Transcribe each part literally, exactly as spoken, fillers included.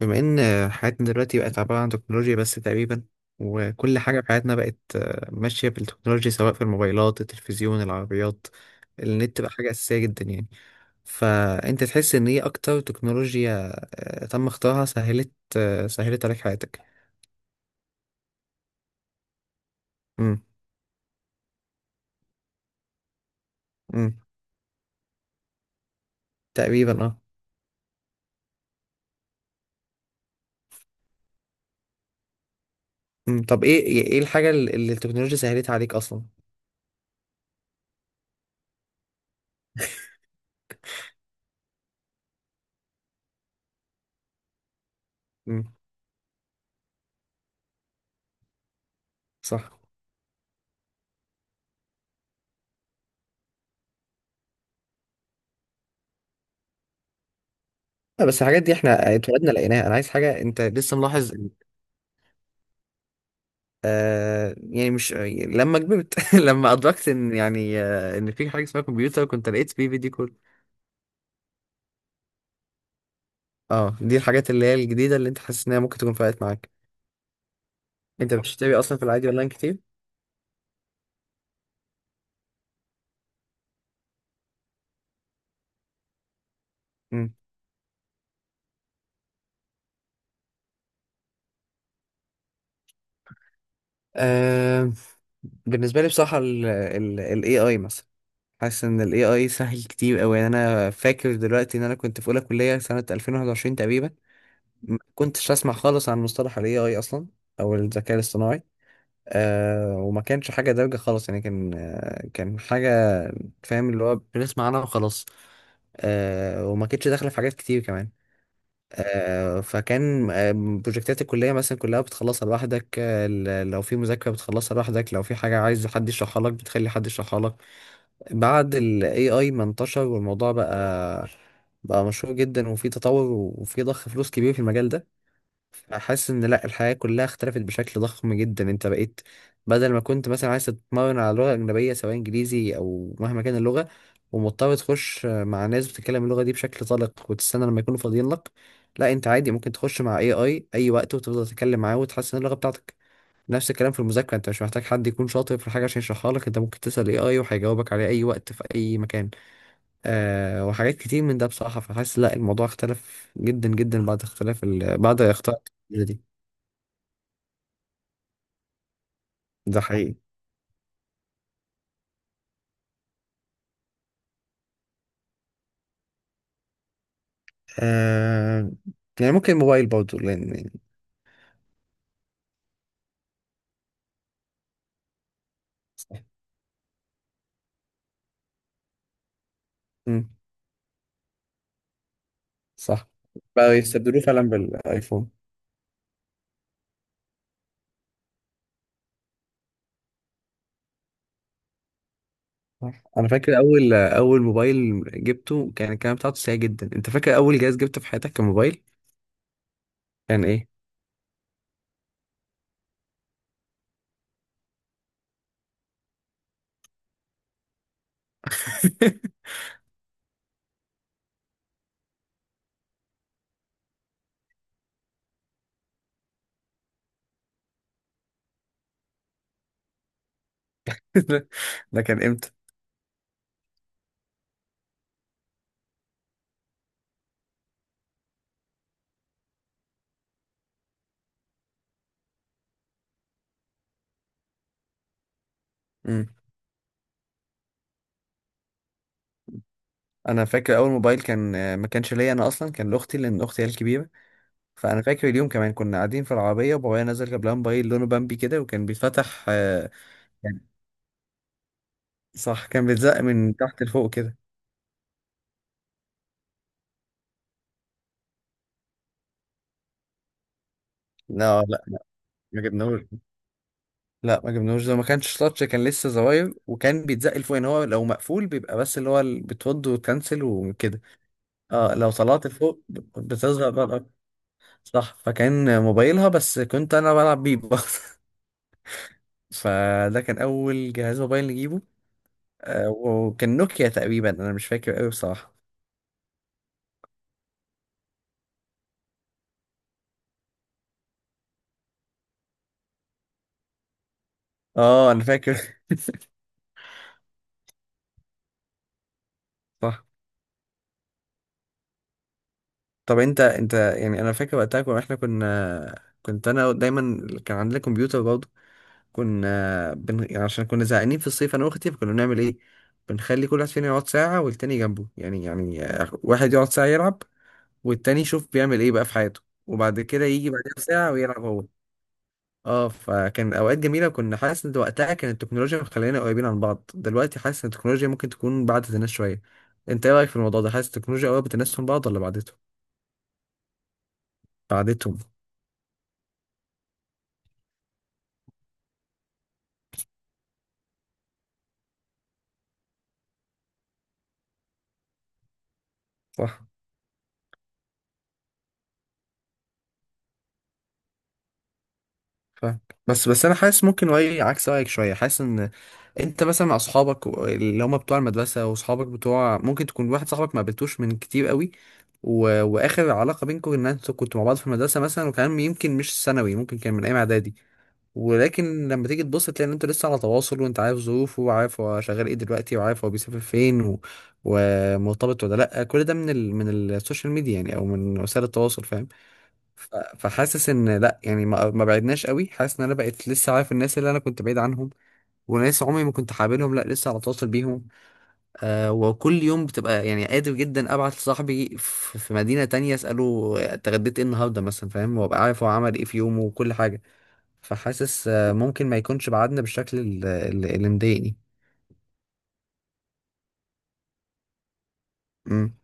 بما ان حياتنا دلوقتي بقت عبارة عن تكنولوجيا بس تقريبا، وكل حاجة في حياتنا بقت آه، ماشية بالتكنولوجيا، سواء في الموبايلات التلفزيون العربيات. النت بقى حاجة أساسية جدا يعني. فأنت تحس إن إيه أكتر تكنولوجيا آه، تم اختراعها سهلت آه، سهلت عليك حياتك. امم امم. تقريبا اه. امم، طب إيه إيه الحاجة اللي اللي التكنولوجيا سهلتها عليك أصلا؟ امم. صح. لا بس الحاجات دي احنا اتولدنا لقيناها، انا عايز حاجه انت لسه ملاحظ. آه يعني مش لما كبرت لما ادركت ان يعني آه ان في حاجه اسمها كمبيوتر كنت لقيت فيه فيديو كول. اه دي الحاجات اللي هي الجديده اللي انت حاسس انها ممكن تكون فرقت معاك. انت بتشتري اصلا في العادي اونلاين كتير. امم. آه، بالنسبه لي بصراحه الاي اي مثلا. حاسس ان الاي اي سهل كتير قوي، يعني انا فاكر دلوقتي ان انا كنت في اولى كليه سنه ألفين وواحد وعشرين تقريبا، ما كنتش اسمع خالص عن مصطلح الاي اي اصلا، او الذكاء الاصطناعي. آه وما كانش حاجة دارجة خالص، يعني كان آه كان حاجة فاهم اللي هو بنسمع عنها وخلاص. آه وما كانتش داخلة في حاجات كتير كمان. آه فكان آه بروجكتات الكلية مثلا كلها بتخلصها لوحدك، آه ل- لو في مذاكرة بتخلصها لوحدك، لو في حاجة عايز حد يشرحها لك بتخلي حد يشرحها لك. بعد ال A I ما انتشر والموضوع بقى بقى مشهور جدا وفي تطور وفي ضخ فلوس كبير في المجال ده. حاسس ان لا، الحياة كلها اختلفت بشكل ضخم جدا. انت بقيت بدل ما كنت مثلا عايز تتمرن على لغة أجنبية سواء إنجليزي أو مهما كان اللغة، ومضطر تخش مع ناس بتتكلم اللغة دي بشكل طلق وتستنى لما يكونوا فاضيين لك، لا انت عادي ممكن تخش مع اي اي اي وقت وتفضل تتكلم معاه وتحسن اللغة بتاعتك. نفس الكلام في المذاكرة، انت مش محتاج حد يكون شاطر في الحاجة عشان يشرحها لك، انت ممكن تسأل اي اي وهيجاوبك عليه اي وقت في اي مكان. آه وحاجات كتير من ده بصراحة، فحاسس لا الموضوع اختلف جدا جدا بعد اختلاف ال... بعد اختلاف دي. ده حقيقي. آه... يعني ممكن موبايل برضه لان يعني صح. مم. صح. بقى يستبدلوه فعلا بالايفون. صح. انا فاكر اول اول موبايل جبته كان الكلام بتاعته سيء جدا. انت فاكر اول جهاز جبته في حياتك كان موبايل؟ كان ايه؟ ده ده كان امتى؟ مم. انا فاكر اول موبايل كان آه، ما كانش ليا انا اصلا، كان لاختي لان اختي هي الكبيره. فانا فاكر اليوم كمان كنا قاعدين في العربيه وبابايا نزل جاب لها موبايل لونه بامبي كده وكان بيتفتح آه، كان- صح كان بيتزق من تحت لفوق كده. لا لا لا. ما جبناهوش. لا ما جبناهوش، ده ما كانش تاتش، كان لسه زراير وكان بيتزق لفوق، يعني هو لو مقفول بيبقى بس اللي هو ال- بتود وتكنسل وكده. اه لو طلعت فوق ب- بتصغر بقى الأرض. صح فكان موبايلها بس كنت انا بلعب بيه برضه. فده كان اول جهاز موبايل نجيبه. آه وكان نوكيا تقريبا، انا مش فاكر قوي بصراحة. اه انا فاكر. صح. طب انت انت يعني انا فاكر وقتها كنا- احنا كنا كنت انا دايما كان عندنا كمبيوتر برضه، كنا بن... يعني عشان كنا زهقانين في الصيف انا واختي فكنا بنعمل ايه، بنخلي كل واحد فينا يقعد ساعة والتاني جنبه، يعني يعني آه، واحد يقعد ساعة يلعب والتاني يشوف بيعمل ايه بقى في حياته، وبعد كده يجي بعدها بساعة ويلعب هو. اه فكان اوقات جميلة، وكنا حاسس ان وقتها كانت التكنولوجيا مخلينا قريبين عن بعض، دلوقتي حاسس ان التكنولوجيا ممكن تكون بعدت الناس شوية. انت ايه رأيك في الموضوع ده؟ حاسس التكنولوجيا قربت الناس من بعض ولا بعدتهم؟ بعدتهم. صح. فاهم. بس بس انا حاسس ممكن رايي عكس رايك شويه. حاسس ان انت مثلا مع اصحابك و- اللي هم بتوع المدرسه واصحابك بتوع، ممكن تكون واحد صاحبك ما قابلتوش من كتير قوي، و... واخر علاقه بينكم ان انتوا كنتوا مع بعض في المدرسه مثلا، وكان يمكن مش ثانوي ممكن كان من ايام اعدادي. ولكن لما تيجي تبص تلاقي ان انتوا لسه على تواصل، وانت عارف ظروفه وعارف هو شغال ايه دلوقتي وعارف هو بيسافر فين و... ومرتبط ولا لا، كل ده من ال... من السوشيال ميديا يعني او من وسائل التواصل فاهم. ف- فحاسس ان لا يعني ما ما بعدناش قوي. حاسس ان انا بقيت لسه عارف الناس اللي انا كنت بعيد عنهم، وناس عمري ما كنت حابلهم لا لسه على تواصل بيهم. آه وكل يوم بتبقى يعني قادر جدا ابعت لصاحبي في في مدينة تانية اساله اتغديت ايه النهارده مثلا فاهم، وابقى عارف هو عمل ايه في يومه وكل حاجة. فحاسس آه ممكن ما يكونش بعدنا بالشكل ال- ال- اللي مضايقني. امم.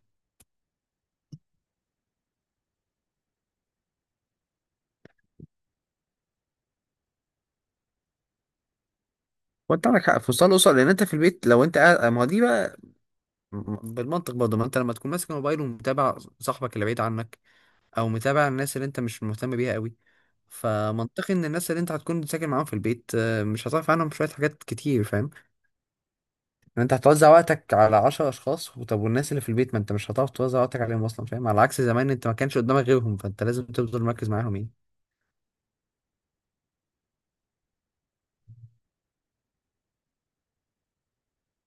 وانت عندك حق في وصال الاسر، لان انت في البيت لو انت قاعد ما هو دي بقى بالمنطق برضه، ما انت لما تكون ماسك الموبايل ومتابع صاحبك اللي بعيد عنك، او متابع الناس اللي انت مش مهتم بيها قوي، فمنطقي ان الناس اللي انت هتكون ساكن معاهم في البيت آه، مش هتعرف عنهم شويه، حاجات كتير فاهم. ان انت هتوزع وقتك على عشر اشخاص، طب والناس اللي في البيت ما انت مش هتعرف توزع وقتك عليهم اصلا فاهم، على عكس زمان انت ما كانش قدامك غيرهم فانت لازم تفضل مركز معاهم يعني.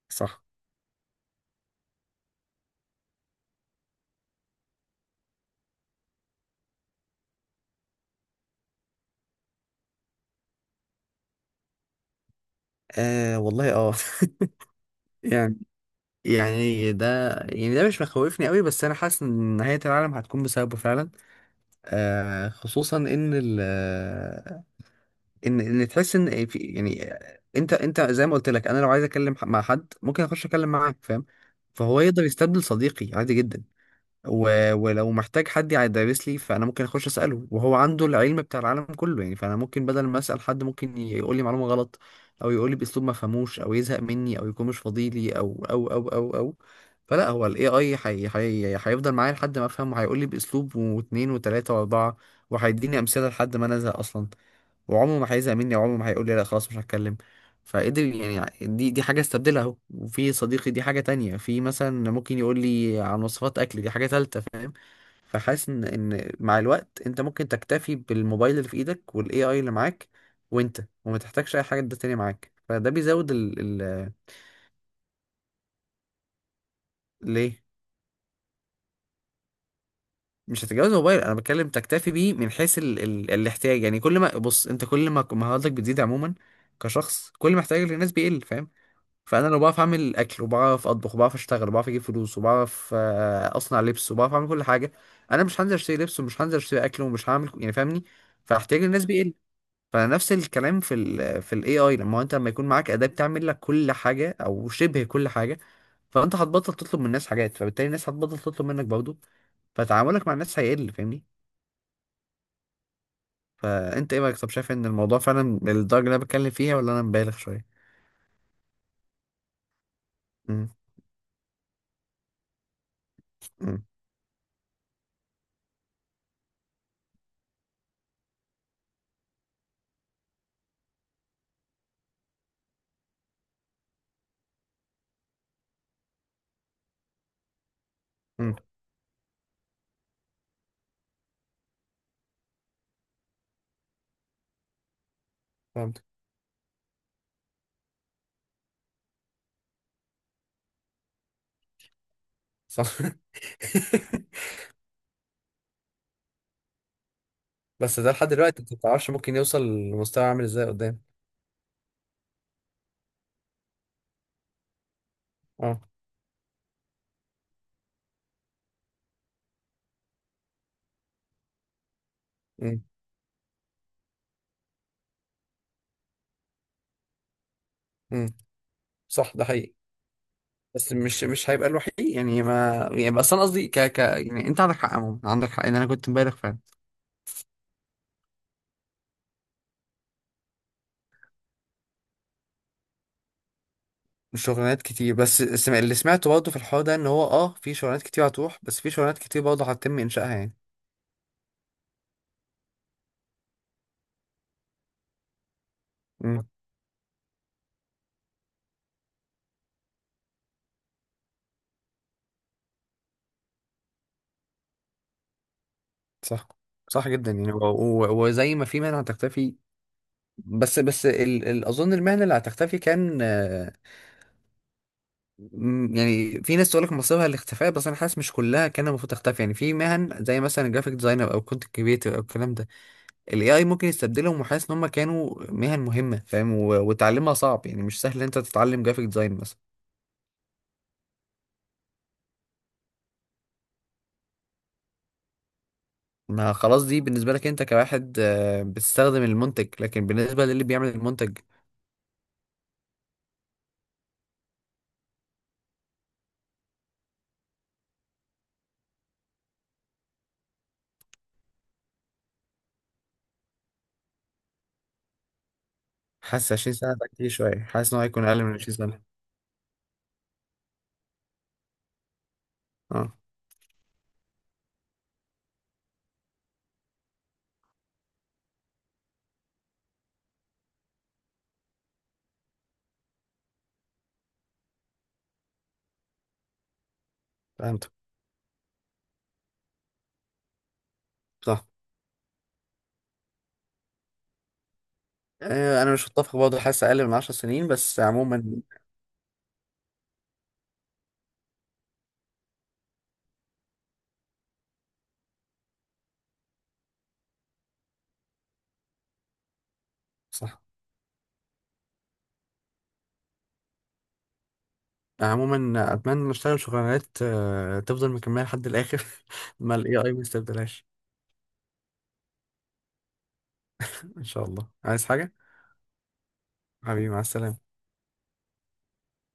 صح. آه والله اه. يعني يعني ده يعني ده مش مخوفني قوي، بس انا حاسس ان نهاية العالم هتكون بسببه فعلا. آه خصوصا ان ال ان ان تحس ان في يعني، انت انت زي ما قلت لك، انا لو عايز اتكلم ح- مع حد ممكن اخش اتكلم معاه فاهم. فهو يقدر يستبدل صديقي عادي جدا. و... ولو محتاج حد يدرس لي، فانا ممكن اخش اساله وهو عنده العلم بتاع العالم كله يعني، فانا ممكن بدل ما اسال حد ممكن يقول لي معلومه غلط، او يقول لي باسلوب ما فهموش، او يزهق مني، او يكون مش فاضي لي، او او او او او فلا هو الاي اي حي... حي... هيفضل معايا لحد ما افهم، وهيقول لي باسلوب واثنين وثلاثه واربعه، وهيديني امثله لحد ما انا ازهق اصلا، وعمره ما هيزهق مني وعمره ما هيقول لي لا خلاص مش هتكلم. فقدر يعني دي دي حاجة استبدلها اهو وفي صديقي، دي حاجة تانية، في مثلا ممكن يقول لي عن وصفات اكل، دي حاجة تالتة فاهم. فحاسس ان إن مع الوقت انت ممكن تكتفي بالموبايل اللي في ايدك والاي اي اللي معاك، وانت وما تحتاجش اي حاجة ده تانية معاك، فده بيزود ال ال ليه. مش هتتجوز موبايل، انا بتكلم تكتفي بيه من حيث ال ال الاحتياج يعني. كل ما بص، انت كل ما مهاراتك بتزيد عموما كشخص كل ما احتياجك للناس بيقل فاهم. فانا لو بعرف اعمل اكل، وبعرف اطبخ، وبعرف اشتغل، وبعرف اجيب فلوس، وبعرف آه، اصنع لبس، وبعرف اعمل كل حاجه، انا مش هنزل اشتري لبس، ومش هنزل اشتري اكل، ومش هعمل ك- يعني فاهمني. فاحتياج الناس بيقل. فنفس الكلام في ال في الاي اي، لما هو انت لما يكون معاك اداه بتعمل لك كل حاجه او شبه كل حاجه، فانت هتبطل تطلب من الناس حاجات، فبالتالي الناس هتبطل تطلب منك برضه، فتعاملك مع الناس هيقل فاهمني. فانت ايه رايك؟ طب شايف ان الموضوع فعلا الدرجه اللي انا بتكلم فيها، ولا انا مبالغ شويه؟ امم. امم. امم. فهمت. صح. بس ده لحد دلوقتي انت ما تعرفش ممكن يوصل لمستوى عامل ازاي قدام. اه. امم. امم. صح ده حقيقي. بس مش مش هيبقى الوحيد يعني ما يعني، بس انا قصدي ك ك يعني، انت عندك حق عموما، عندك حق ان انا كنت مبالغ فعلا. شغلانات كتير. بس السم- اللي سمعته برضه في الحوار ده ان هو اه في شغلانات كتير هتروح، بس في شغلانات كتير برضه هتتم انشائها يعني. امم. صح. صح جدا يعني. و- و- وزي ما في مهنه هتختفي. بس بس ال ال اظن المهنه اللي هتختفي كان مم، يعني في ناس تقول لك مصيرها الاختفاء، بس انا حاسس مش كلها كان المفروض تختفي. يعني في مهن زي مثلا جرافيك ديزاينر او كونتنت كريتور او الكلام ده، الاي اي ممكن يستبدلهم، وحاسس ان هم كانوا مهن مهمه فاهم، و- وتعلمها صعب يعني مش سهل إن انت تتعلم جرافيك ديزاين مثلا. ما خلاص دي بالنسبه لك انت كواحد آه، بتستخدم المنتج، لكن بالنسبه للي بيعمل المنتج. حاسس عشرين سنه ده كتير شويه، حاسس ان هو هيكون اقل من عشرين سنه. اه. فهمت. صح. آه، انا مش متفق برضه، حاسس اقل من عشر سنين، بس عموما صح. عموما اتمنى نشتغل شغلانات آه، تفضل مكمله لحد الاخر. ما الاي اي ما يستبدلهاش. ان شاء الله. عايز حاجه؟ حبيبي مع السلامه.